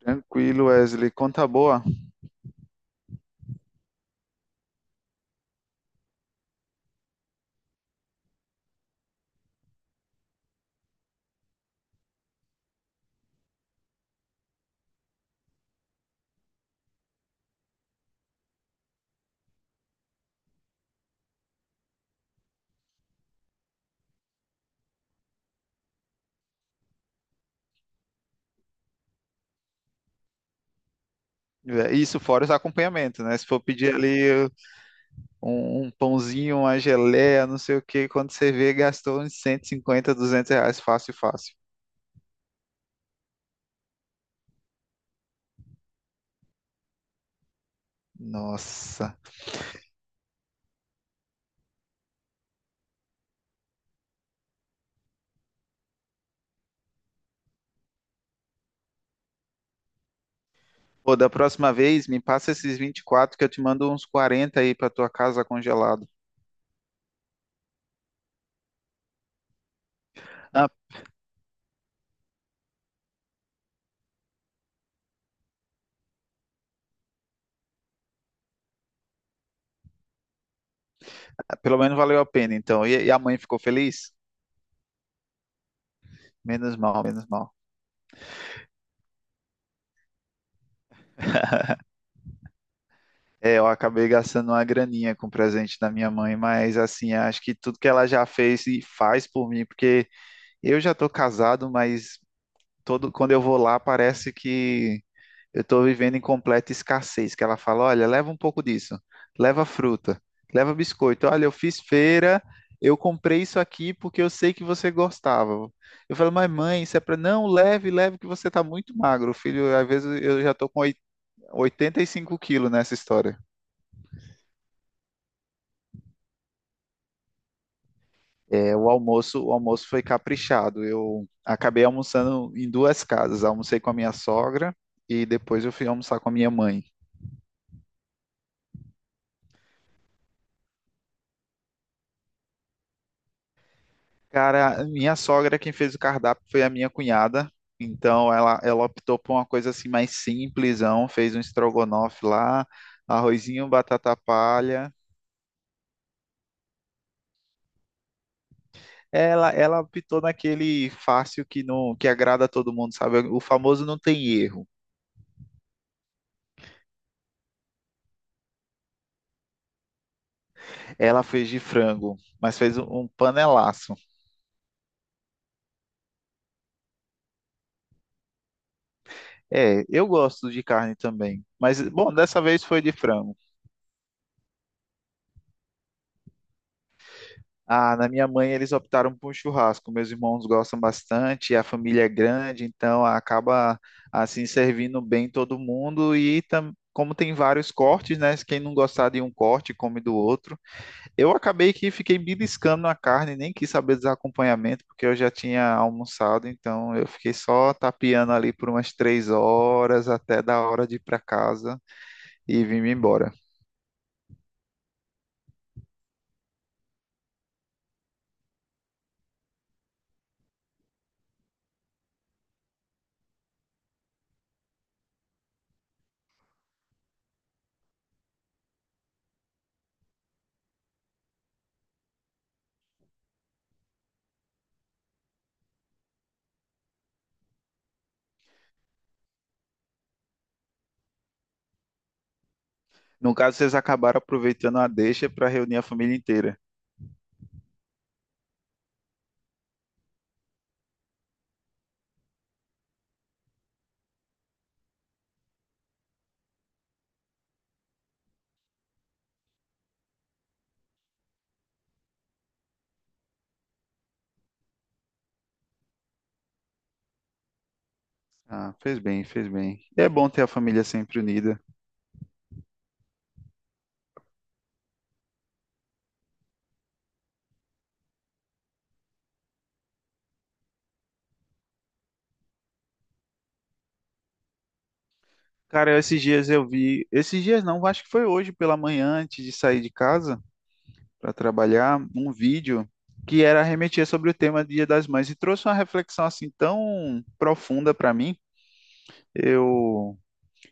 Tranquilo, Wesley. Conta boa. É, isso fora os acompanhamentos, né? Se for pedir ali um pãozinho, uma geleia, não sei o quê, quando você vê, gastou uns 150 200 reais, fácil, fácil. Nossa. Pô, da próxima vez, me passa esses 24 que eu te mando uns 40 aí pra tua casa congelado. Ah, pelo menos valeu a pena, então. E a mãe ficou feliz? Menos mal, menos mal. É, eu acabei gastando uma graninha com o presente da minha mãe, mas assim, acho que tudo que ela já fez e faz por mim, porque eu já tô casado, mas todo quando eu vou lá parece que eu tô vivendo em completa escassez, que ela fala, olha, leva um pouco disso, leva fruta, leva biscoito, olha, eu fiz feira, eu comprei isso aqui porque eu sei que você gostava. Eu falo, mas mãe, isso é para não, leve, leve que você tá muito magro, filho, às vezes eu já tô com 85 quilos nessa história. É, o almoço foi caprichado. Eu acabei almoçando em duas casas. Almocei com a minha sogra e depois eu fui almoçar com a minha mãe. Cara, minha sogra quem fez o cardápio foi a minha cunhada. Então ela optou por uma coisa assim mais simplesão, fez um estrogonofe lá, arrozinho, batata palha. Ela optou naquele fácil que não que agrada a todo mundo, sabe? O famoso não tem erro. Ela fez de frango, mas fez um panelaço. É, eu gosto de carne também. Mas, bom, dessa vez foi de frango. Ah, na minha mãe eles optaram por um churrasco. Meus irmãos gostam bastante, a família é grande, então acaba assim servindo bem todo mundo. E tam- como tem vários cortes, né? Quem não gostar de um corte, come do outro. Eu acabei que fiquei beliscando a carne, nem quis saber dos acompanhamentos, porque eu já tinha almoçado, então eu fiquei só tapeando ali por umas 3 horas até da hora de ir para casa e vim-me embora. No caso, vocês acabaram aproveitando a deixa para reunir a família inteira. Ah, fez bem, fez bem. É bom ter a família sempre unida. Cara, esses dias eu vi, esses dias não, acho que foi hoje pela manhã, antes de sair de casa para trabalhar, um vídeo que era remetia sobre o tema Dia das Mães e trouxe uma reflexão assim tão profunda para mim. Eu,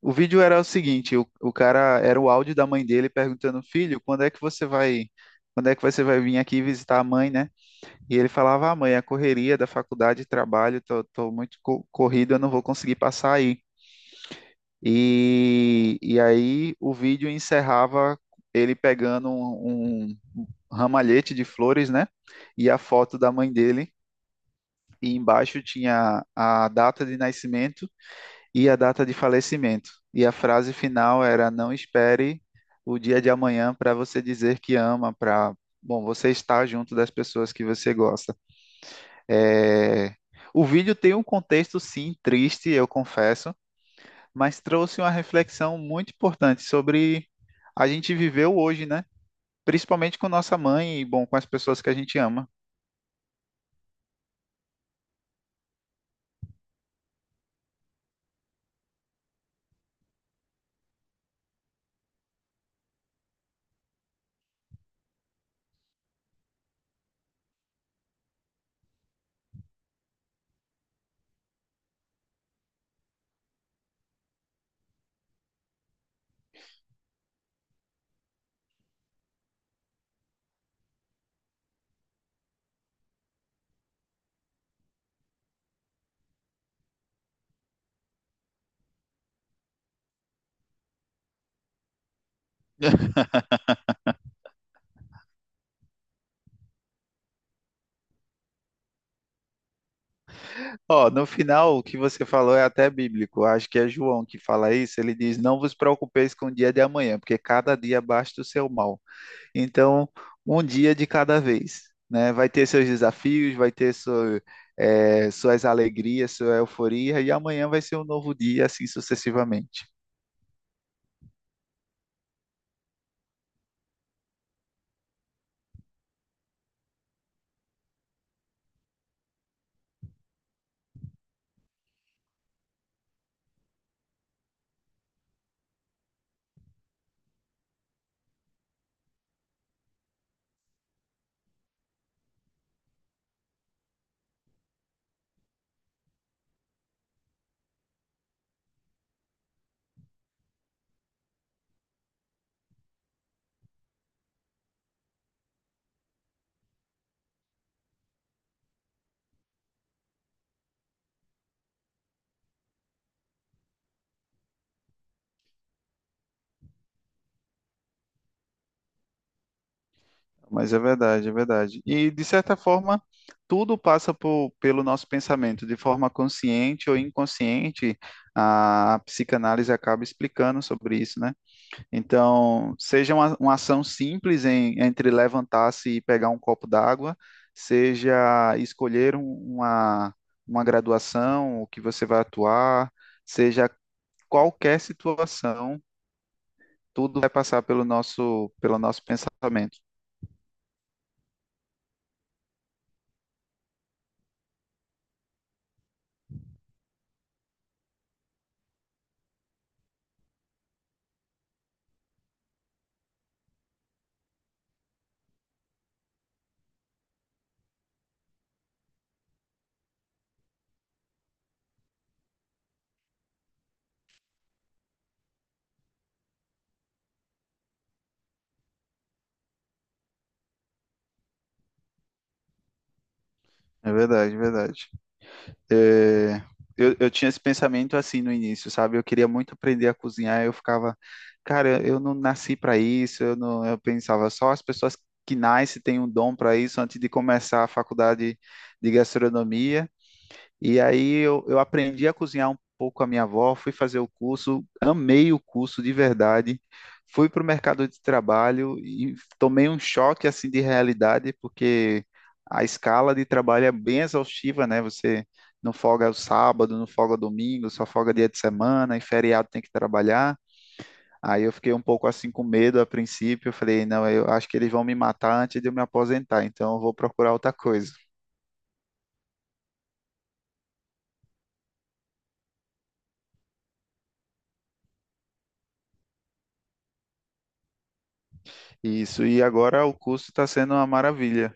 o vídeo era o seguinte, o cara era o áudio da mãe dele perguntando, filho, quando é que você vai, quando é que você vai vir aqui visitar a mãe, né? E ele falava, ah, mãe, a correria da faculdade, trabalho, tô muito co- corrido, eu não vou conseguir passar aí. E aí o vídeo encerrava ele pegando um ramalhete de flores, né? E a foto da mãe dele. E embaixo tinha a data de nascimento e a data de falecimento. E a frase final era: Não espere o dia de amanhã para você dizer que ama, para, bom, você estar junto das pessoas que você gosta. É, o vídeo tem um contexto, sim, triste, eu confesso, mas trouxe uma reflexão muito importante sobre a gente viveu hoje, né? Principalmente com nossa mãe e, bom, com as pessoas que a gente ama. Ó, no final, o que você falou é até bíblico. Acho que é João que fala isso. Ele diz: Não vos preocupeis com o dia de amanhã, porque cada dia basta o seu mal. Então, um dia de cada vez, né? Vai ter seus desafios, vai ter sua, é, suas alegrias, sua euforia, e amanhã vai ser um novo dia, assim sucessivamente. Mas é verdade, é verdade. E, de certa forma, tudo passa por- pelo nosso pensamento, de forma consciente ou inconsciente, a psicanálise acaba explicando sobre isso, né? Então, seja uma ação simples em- entre levantar-se e pegar um copo d'água, seja escolher um- uma, uma graduação, o que você vai atuar, seja qualquer situação, tudo vai passar pelo nosso pensamento. É verdade, é verdade. É, eu tinha esse pensamento assim no início, sabe? Eu queria muito aprender a cozinhar, eu ficava, cara, eu não nasci para isso, eu não, eu pensava só as pessoas que nascem têm um dom para isso antes de começar a faculdade de gastronomia. E aí eu aprendi a cozinhar um pouco com a minha avó, fui fazer o curso, amei o curso de verdade, fui para o mercado de trabalho e tomei um choque assim de realidade, porque a escala de trabalho é bem exaustiva, né? Você não folga o sábado, não folga domingo, só folga dia de semana, e feriado tem que trabalhar. Aí eu fiquei um pouco assim com medo a princípio, eu falei, não, eu acho que eles vão me matar antes de eu me aposentar, então eu vou procurar outra coisa. Isso, e agora o curso está sendo uma maravilha.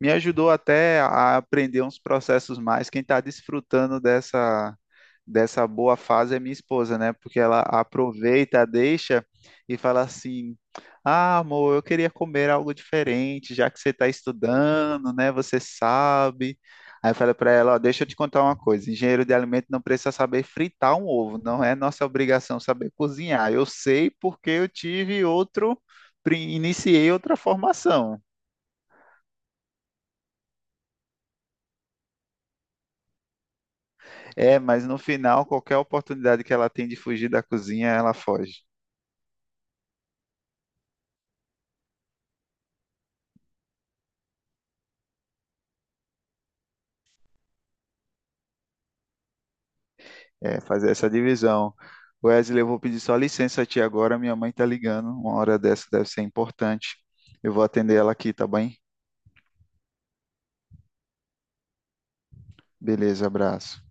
Me ajudou até a aprender uns processos mais. Quem está desfrutando dessa, dessa boa fase é minha esposa, né? Porque ela aproveita, deixa e fala assim: Ah, amor, eu queria comer algo diferente, já que você está estudando, né? Você sabe. Aí eu falei para ela: Ó, deixa eu te contar uma coisa: engenheiro de alimento não precisa saber fritar um ovo, não é nossa obrigação saber cozinhar. Eu sei porque eu tive outro, pri- iniciei outra formação. É, mas no final, qualquer oportunidade que ela tem de fugir da cozinha, ela foge. É, fazer essa divisão. Wesley, eu vou pedir só licença a ti agora, minha mãe tá ligando. Uma hora dessa deve ser importante. Eu vou atender ela aqui, tá bem? Beleza, abraço.